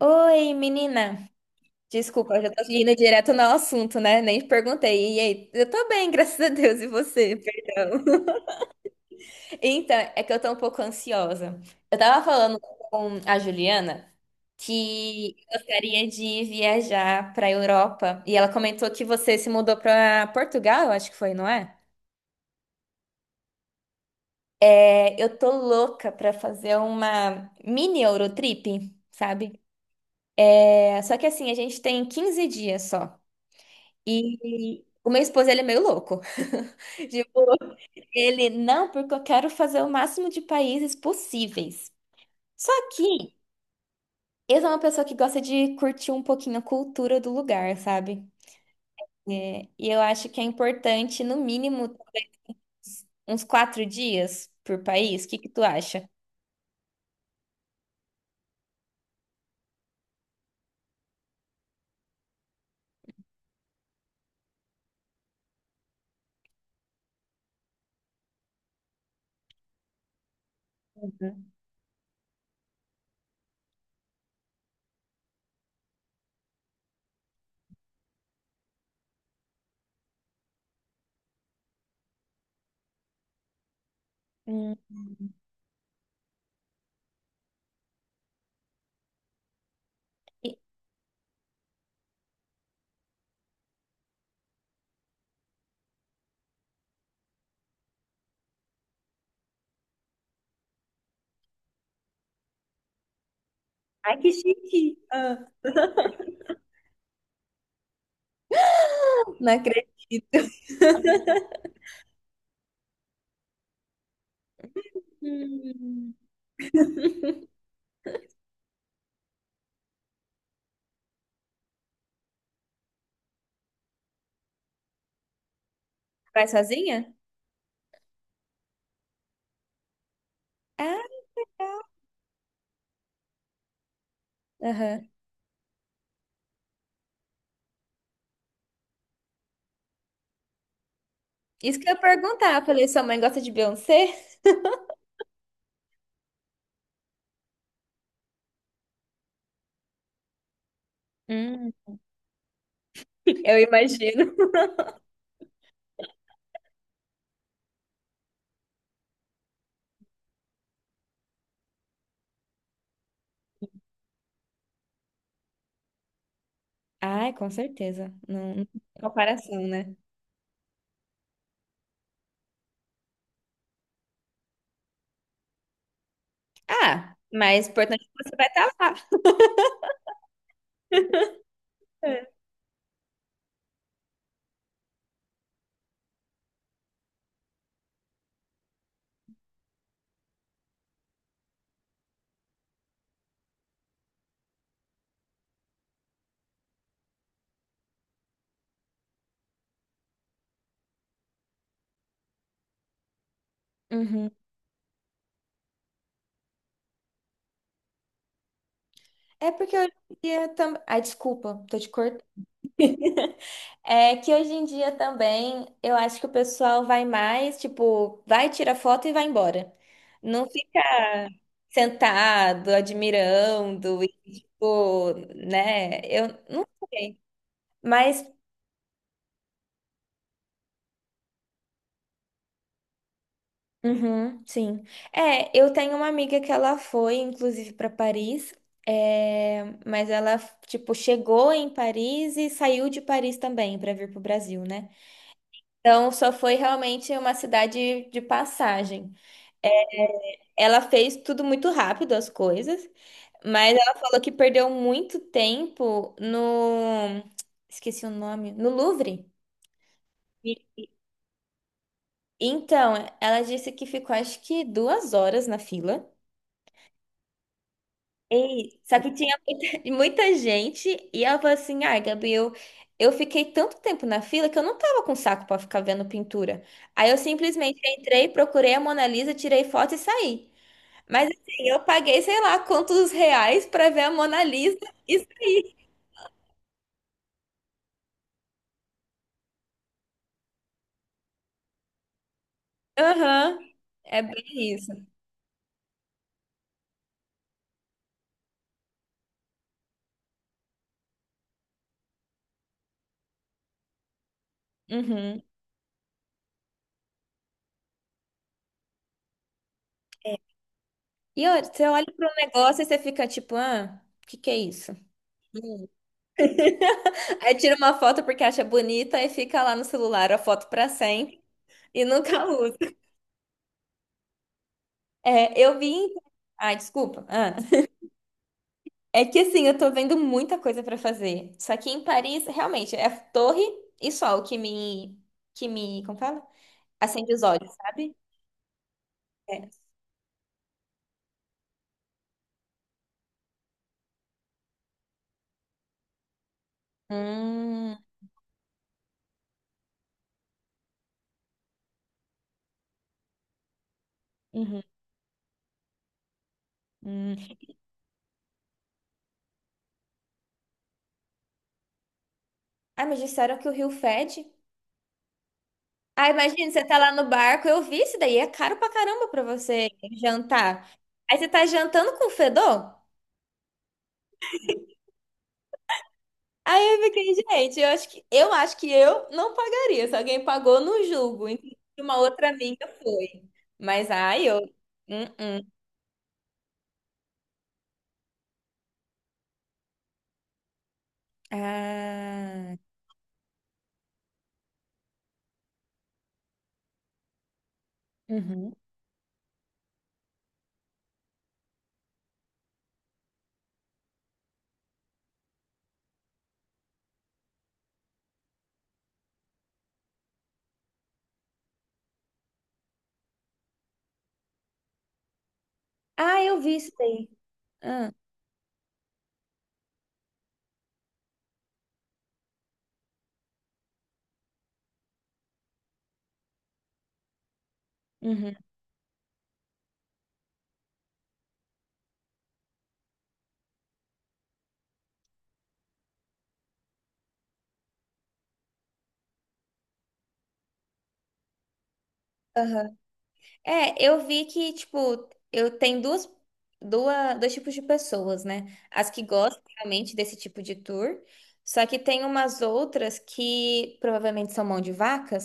Oi, menina. Desculpa, eu já tô indo direto no assunto, né? Nem perguntei. E aí? Eu tô bem, graças a Deus. E você? Perdão. Então, é que eu tô um pouco ansiosa. Eu tava falando com a Juliana que eu gostaria de viajar pra Europa. E ela comentou que você se mudou pra Portugal, eu acho que foi, não é? É, eu tô louca pra fazer uma mini Eurotrip, sabe? É, só que assim, a gente tem 15 dias só. E o meu esposo, ele é meio louco. Tipo, ele, não, porque eu quero fazer o máximo de países possíveis. Só que ele é uma pessoa que gosta de curtir um pouquinho a cultura do lugar, sabe? É, e eu acho que é importante, no mínimo, uns 4 dias por país. O que que tu acha? Hum. Ai, que chique! Ah, não acredito. Hum. Vai sozinha? Ah, tá. Aham. Isso que eu ia perguntar. Falei, sua mãe gosta de Beyoncé? Hum. Eu imagino. Ai, com certeza. Não, não tem comparação, né? Ah, mas o importante é que você vai estar lá. É. Uhum. É porque hoje em dia também. Ai, desculpa, tô te cortando. É que hoje em dia também eu acho que o pessoal vai mais, tipo, vai, tira foto e vai embora. Não fica sentado, admirando, e, tipo, né? Eu não sei. Mas uhum, sim. É, eu tenho uma amiga que ela foi, inclusive, para Paris, é, mas ela, tipo, chegou em Paris e saiu de Paris também para vir pro Brasil, né? Então, só foi realmente uma cidade de passagem. Ela fez tudo muito rápido, as coisas, mas ela falou que perdeu muito tempo no... Esqueci o nome. No Louvre. E- Então, ela disse que ficou, acho que 2 horas na fila. Ei, só que tinha muita, muita gente e ela falou assim: ai, Gabriel, eu fiquei tanto tempo na fila que eu não tava com saco pra ficar vendo pintura. Aí eu simplesmente entrei, procurei a Mona Lisa, tirei foto e saí. Mas assim, eu paguei, sei lá, quantos reais pra ver a Mona Lisa. e- Aham, é bem isso. Uhum. E olha, você olha para um negócio e você fica tipo: ah, o que que é isso? Aí tira uma foto porque acha bonita e fica lá no celular a foto pra sempre e nunca usa. É, eu vi. Ai, desculpa. Ah. É que assim, eu tô vendo muita coisa pra fazer. Só que em Paris, realmente, é torre e sol que me. Que me. Como fala? Acende os olhos, sabe? É. Hum, uhum, hum. Ai, mas disseram que o Rio fede. Ah, imagina, você tá lá no barco, eu vi isso daí, é caro pra caramba pra você jantar. Aí você tá jantando com fedor? Aí eu fiquei, gente, eu acho que eu acho que eu não pagaria, se alguém pagou, não julgo. Inclusive, uma outra amiga foi. Mas ai, eu. Hum, hum. Ah. Uhum. Ah, eu vi isso daí. Ah, uhum. Aham. É, eu vi que, tipo, eu tenho dois tipos de pessoas, né? As que gostam realmente desse tipo de tour, só que tem umas outras que provavelmente são mão de vaca,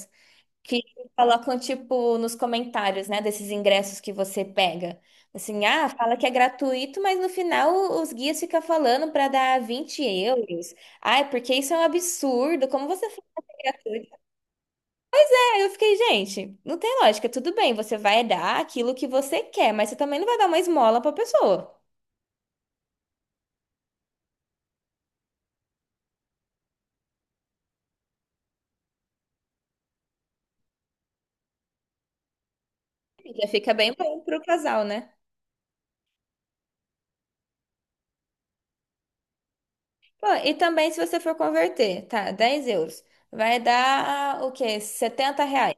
que colocam, tipo, nos comentários, né, desses ingressos que você pega. Assim, ah, fala que é gratuito, mas no final os guias ficam falando para dar 20 euros. Ah, porque isso é um absurdo, como você fala que é gratuito? Aí eu fiquei, gente, não tem lógica, tudo bem, você vai dar aquilo que você quer, mas você também não vai dar uma esmola pra pessoa. Já fica bem bom pro casal, né? Pô, e também se você for converter, tá, 10 euros, vai dar o quê? 70 reais.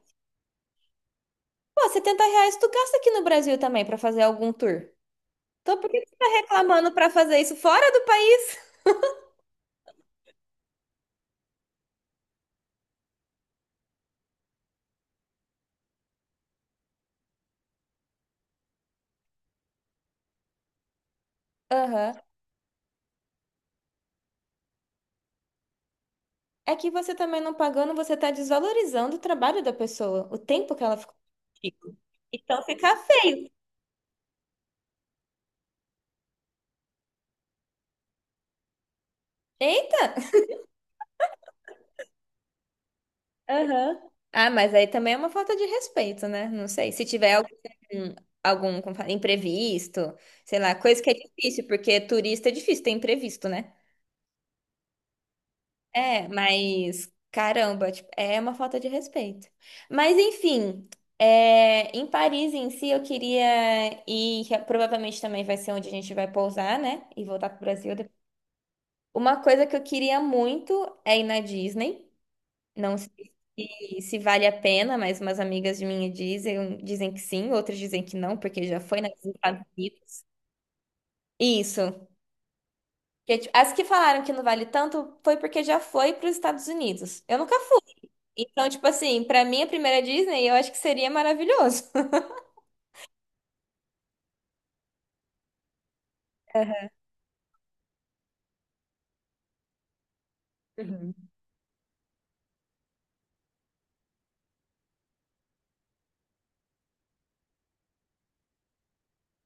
Pô, 70 reais tu gasta aqui no Brasil também pra fazer algum tour. Então por que que tu tá reclamando pra fazer isso fora do país? Aham. É que você também não pagando, você tá desvalorizando o trabalho da pessoa, o tempo que ela ficou contigo. Então fica feio. Eita! Aham. Ah, mas aí também é uma falta de respeito, né? Não sei. Se tiver algum, algum como fala, imprevisto, sei lá, coisa que é difícil, porque turista é difícil ter imprevisto, né? É, mas caramba, tipo, é uma falta de respeito. Mas enfim, é, em Paris em si eu queria ir, que provavelmente também vai ser onde a gente vai pousar, né? E voltar pro Brasil depois. Uma coisa que eu queria muito é ir na Disney. Não sei se, se vale a pena, mas umas amigas de minha dizem, que sim, outras dizem que não, porque já foi nos Estados Unidos. Isso. Porque, tipo, as que falaram que não vale tanto foi porque já foi para os Estados Unidos. Eu nunca fui. Então, tipo assim, pra mim a primeira Disney, eu acho que seria maravilhoso. Aham. Uhum.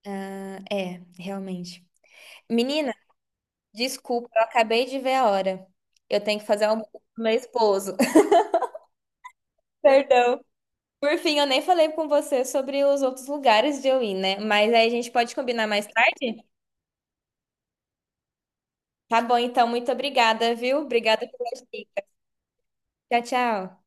Ah, é, realmente. Menina, desculpa, eu acabei de ver a hora. Eu tenho que fazer almoço pro meu esposo. Perdão. Por fim, eu nem falei com você sobre os outros lugares de eu ir, né? Mas aí a gente pode combinar mais tarde? Tá bom, então, muito obrigada, viu? Obrigada pela dica. Tchau, tchau.